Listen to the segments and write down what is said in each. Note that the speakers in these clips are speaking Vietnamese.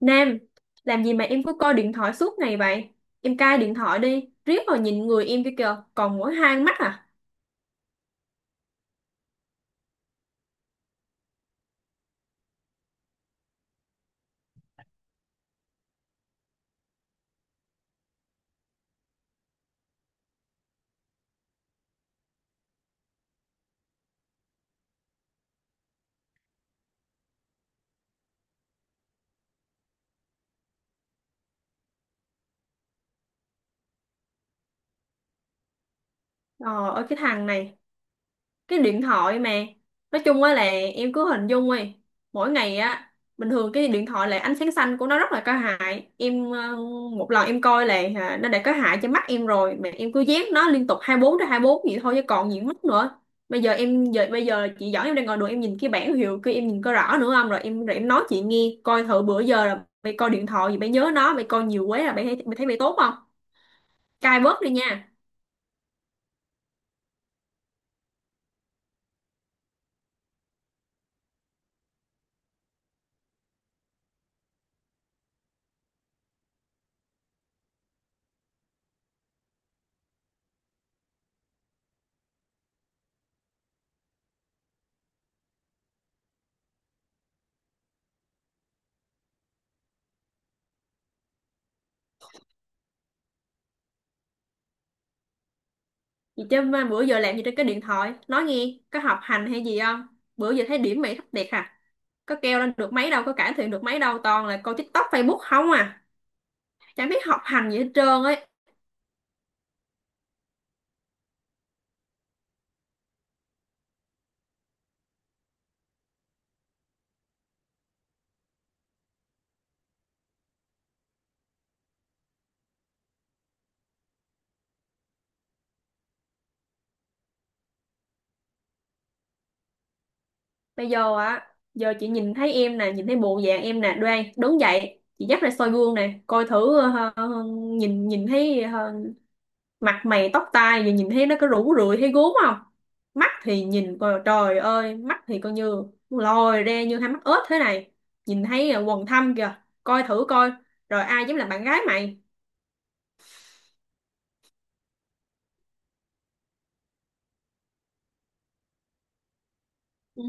Nam, làm gì mà em cứ coi điện thoại suốt ngày vậy? Em cai điện thoại đi, riết rồi nhìn người em kia kìa, còn mỗi hai con mắt à? Ờ, ơi cái thằng này, cái điện thoại mà nói chung á là em cứ hình dung đi. Mỗi ngày á, bình thường cái điện thoại là ánh sáng xanh của nó rất là có hại em. Ờ, Một lần em coi là nó đã có hại cho mắt em rồi mà em cứ dán nó liên tục 24 tới 24 vậy thôi chứ còn gì mất nữa. Bây giờ em giờ bây giờ chị giỏi, em đang ngồi đường em nhìn cái bảng hiệu kia em nhìn có rõ nữa không? Rồi em nói chị nghe coi thử bữa giờ là mày coi điện thoại gì, mày nhớ nó, mày coi nhiều quá là mày thấy mày tốt không? Cai bớt đi nha. Vậy chứ mà bữa giờ làm gì trên cái điện thoại? Nói nghe, có học hành hay gì không? Bữa giờ thấy điểm mày thấp đẹp à? Có kêu lên được mấy đâu, có cải thiện được mấy đâu, toàn là coi TikTok, Facebook không à. Chẳng biết học hành gì hết trơn ấy. Bây giờ á, giờ chị nhìn thấy em nè, nhìn thấy bộ dạng em nè, đoan, đứng dậy, chị dắt ra soi gương nè, coi thử nhìn nhìn thấy mặt mày tóc tai giờ nhìn thấy nó có rũ rượi thấy gốm không? Mắt thì nhìn coi, trời ơi, mắt thì coi như lồi ra như hai mắt ếch thế này, nhìn thấy quần thâm kìa, coi thử coi, rồi ai dám làm bạn gái mày? Ừ.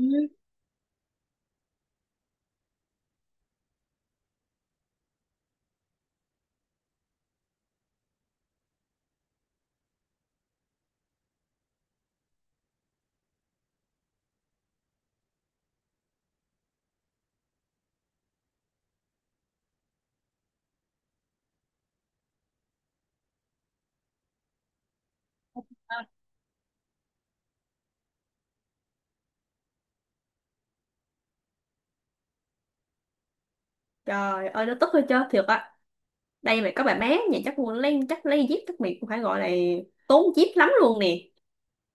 Trời ơi, nó tức hơi chết thiệt á. Đây mày có bà bé nhà chắc mua lấy chắc lấy dép chắc mày cũng phải gọi là tốn dép lắm luôn nè.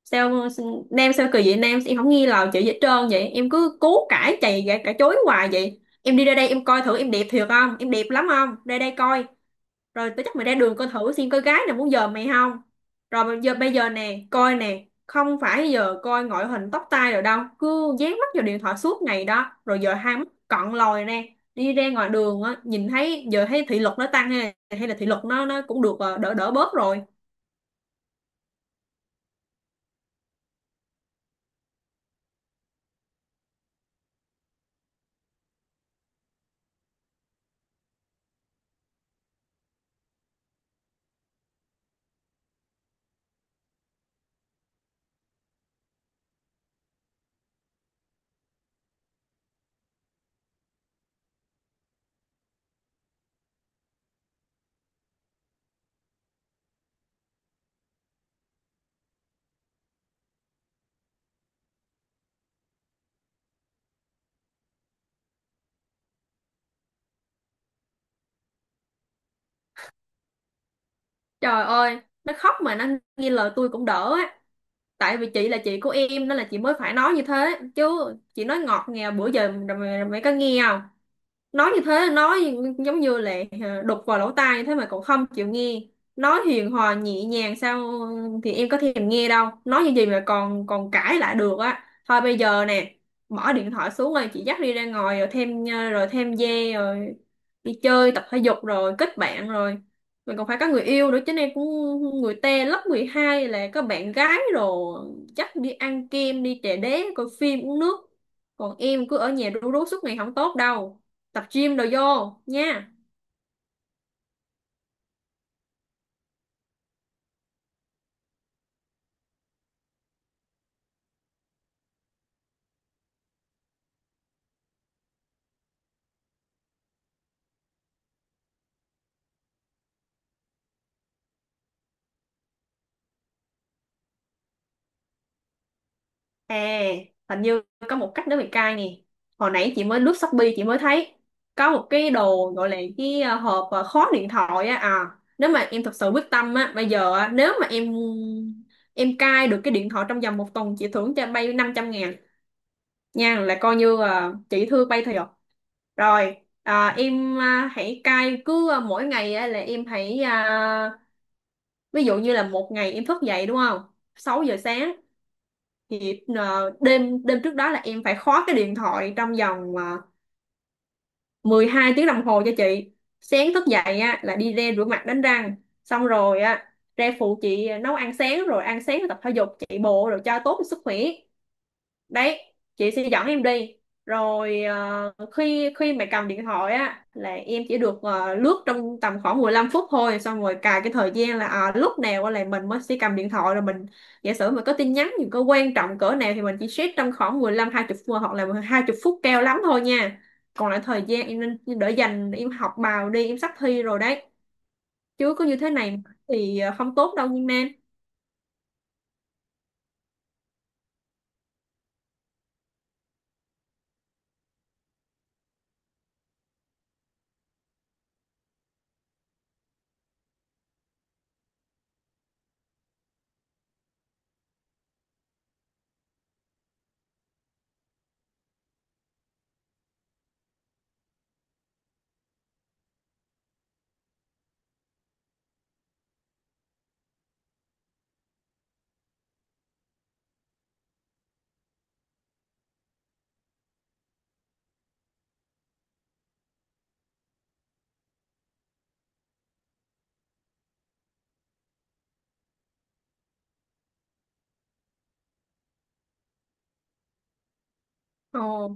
Sao Nam, sao kỳ vậy Nam, em không nghi lời chị gì hết trơn vậy, em cứ cố cãi cãi chối hoài vậy. Em đi ra đây em coi thử em đẹp thiệt không, em đẹp lắm không, ra đây coi. Rồi tao chắc mày ra đường coi thử xem có gái nào muốn giờ mày không. Rồi bây giờ nè coi nè, không phải giờ coi ngoại hình tóc tai rồi đâu, cứ dán mắt vào điện thoại suốt ngày đó rồi giờ hai mắt cận lòi nè. Đi ra ngoài đường á nhìn thấy giờ thấy thị lực nó tăng hay hay là thị lực nó cũng được đỡ đỡ bớt rồi. Trời ơi, nó khóc mà nó nghe lời tôi cũng đỡ á. Tại vì chị là chị của em nên là chị mới phải nói như thế, chứ chị nói ngọt ngào bữa giờ rồi mày có nghe không? Nói như thế, nói giống như là đục vào lỗ tai như thế mà cậu không chịu nghe, nói hiền hòa nhẹ nhàng sao? Thì em có thèm nghe đâu, nói như gì mà còn còn cãi lại được á. Thôi bây giờ nè, mở điện thoại xuống rồi chị dắt đi ra ngoài rồi thêm rồi thêm dê rồi đi chơi tập thể dục rồi kết bạn rồi. Mình còn phải có người yêu nữa chứ, em cũng người ta lớp 12 là có bạn gái rồi, dắt đi ăn kem đi trà đế coi phim uống nước. Còn em cứ ở nhà rú rú suốt ngày không tốt đâu, tập gym đồ vô nha. À, hình như có một cách nữa mày cai nè. Hồi nãy chị mới lướt Shopee, chị mới thấy có một cái đồ gọi là cái hộp khóa điện thoại á. À, nếu mà em thật sự quyết tâm á, bây giờ á, nếu mà em cai được cái điện thoại trong vòng một tuần chị thưởng cho bay 500 ngàn nha, là coi như chị thưa bay thiệt. Rồi em hãy cai cứ mỗi ngày á là em hãy ví dụ như là một ngày em thức dậy đúng không, 6 giờ sáng, thì đêm đêm trước đó là em phải khóa cái điện thoại trong vòng 12 tiếng đồng hồ cho chị. Sáng thức dậy á là đi ra rửa mặt đánh răng xong rồi á ra phụ chị nấu ăn sáng rồi tập thể dục chạy bộ rồi cho tốt cho sức khỏe đấy, chị sẽ dẫn em đi. Rồi khi khi mà cầm điện thoại á là em chỉ được lướt trong tầm khoảng 15 phút thôi, xong rồi cài cái thời gian là lúc nào á là mình mới sẽ cầm điện thoại rồi mình giả sử mình có tin nhắn gì có quan trọng cỡ nào thì mình chỉ check trong khoảng 15 20 phút hoặc là 20 phút cao lắm thôi nha. Còn lại thời gian em nên đỡ dành em học bài đi, em sắp thi rồi đấy. Chứ cứ như thế này thì không tốt đâu nhưng em. Ồ.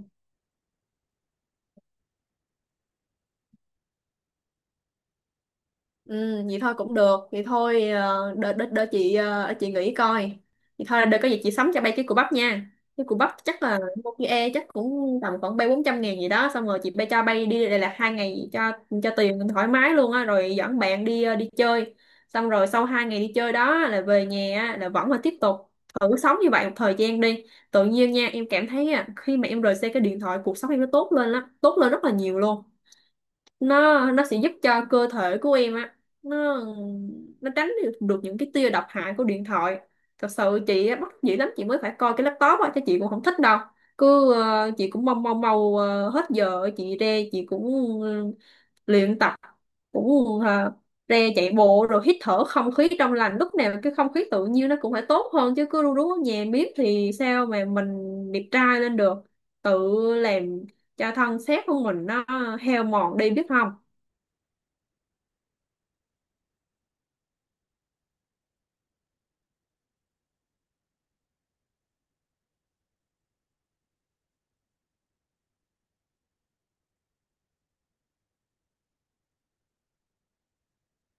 Ừ, vậy thôi cũng được. Vậy thôi đợi đợi đợi chị chị nghĩ coi. Vậy thôi đợi có gì chị sắm cho bay cái củ bắp nha. Cái củ bắp chắc là một cái e chắc cũng tầm khoảng bay 400 ngàn gì đó, xong rồi chị bay cho bay đi đây là hai ngày, cho tiền thoải mái luôn á rồi dẫn bạn đi đi chơi. Xong rồi sau hai ngày đi chơi đó là về nhà á, là vẫn là tiếp tục thử sống như vậy một thời gian đi. Tự nhiên nha, em cảm thấy á, khi mà em rời xa cái điện thoại cuộc sống em nó tốt lên lắm, tốt lên rất là nhiều luôn. Nó sẽ giúp cho cơ thể của em á, nó nó tránh được được những cái tia độc hại của điện thoại. Thật sự chị á, bất dĩ lắm chị mới phải coi cái laptop á chứ chị cũng không thích đâu. Cứ chị cũng mong mong mau hết giờ chị ra chị cũng ờ, luyện tập cũng ra chạy bộ rồi hít thở không khí trong lành, lúc nào cái không khí tự nhiên nó cũng phải tốt hơn chứ cứ ru rú ở nhà miết thì sao mà mình đẹp trai lên được, tự làm cho thân xác của mình nó heo mòn đi biết không.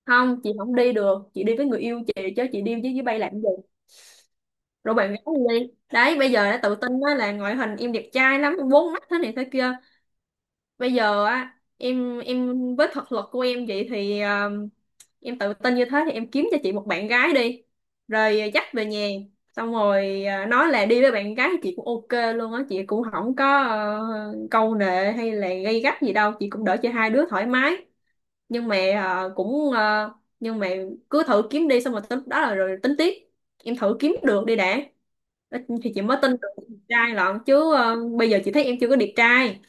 Không, chị không đi được, chị đi với người yêu chị chứ chị đi với bay làm gì. Rồi bạn gái đi đi. Đấy bây giờ đã tự tin đó, là ngoại hình em đẹp trai lắm em bốn mắt thế này thế kia. Bây giờ á em với thực lực của em vậy thì em tự tin như thế thì em kiếm cho chị một bạn gái đi, rồi dắt về nhà xong rồi nói là đi với bạn gái, chị cũng ok luôn á, chị cũng không có câu nệ hay là gay gắt gì đâu, chị cũng đỡ cho hai đứa thoải mái. Nhưng mà ờ, cũng ờ, nhưng mà Cứ thử kiếm đi xong rồi tới lúc đó là rồi tính tiếp, em thử kiếm được đi đã, thì chị mới tin được đẹp trai lận chứ. Ờ, Bây giờ chị thấy em chưa có đẹp trai.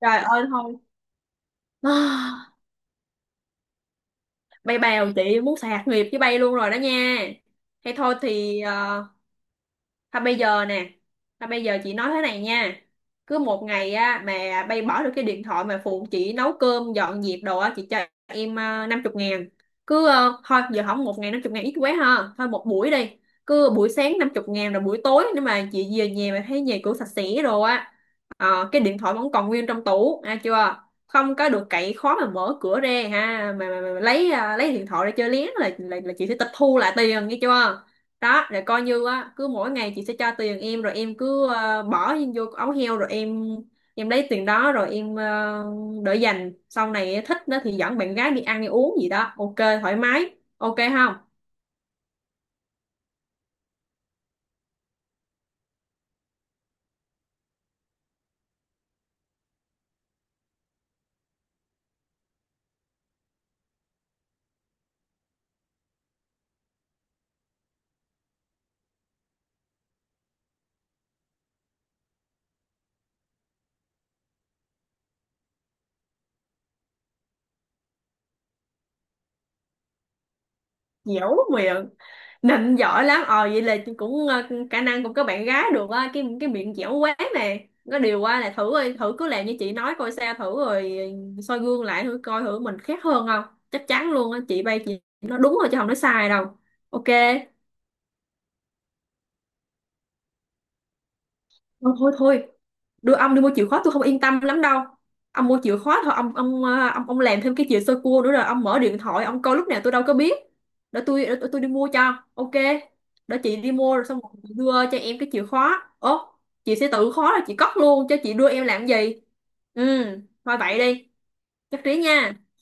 Trời ơi thôi. Bay bèo, chị muốn sạc nghiệp với bay luôn rồi đó nha. Hay thôi thì thôi bây giờ nè, thôi bây giờ chị nói thế này nha. Cứ một ngày á mà bay bỏ được cái điện thoại mà phụ chị nấu cơm, dọn dẹp đồ á, chị cho em năm chục ngàn. Cứ thôi giờ không, một ngày năm chục ngàn ít quá ha. Thôi một buổi đi. Cứ buổi sáng năm chục ngàn rồi buổi tối nếu mà chị về nhà mà thấy nhà cửa sạch sẽ rồi á, cái điện thoại vẫn còn nguyên trong tủ, à chưa? Không có được cậy khó mà mở cửa ra ha, mà lấy lấy điện thoại ra chơi lén là, là chị sẽ tịch thu lại tiền nghe chưa? Đó rồi coi như á cứ mỗi ngày chị sẽ cho tiền em, rồi em cứ bỏ vô ống heo rồi em lấy tiền đó rồi em đỡ dành sau này thích nó thì dẫn bạn gái đi ăn đi uống gì đó, ok thoải mái, ok không? Dẻo miệng, nịnh giỏi lắm. Ờ vậy là chị cũng khả năng cũng có bạn gái được á, cái miệng dẻo quá nè. Có điều qua là thử đi, thử cứ làm như chị nói coi sao, thử rồi soi gương lại thử coi thử mình khác hơn không. Chắc chắn luôn á, chị bay chị nó đúng rồi chứ không nói sai đâu. Ok. Thôi thôi thôi, đưa ông đi mua chìa khóa tôi không yên tâm lắm đâu. Ông mua chìa khóa thôi ông ông làm thêm cái chìa sơ cua nữa rồi ông mở điện thoại ông coi lúc nào tôi đâu có biết. Tôi đi mua cho ok. Để chị đi mua rồi xong rồi chị đưa cho em cái chìa khóa ố. Chị sẽ tự khóa rồi chị cất luôn cho, chị đưa em làm gì. Ừ. Thôi vậy đi. Chắc trí nha.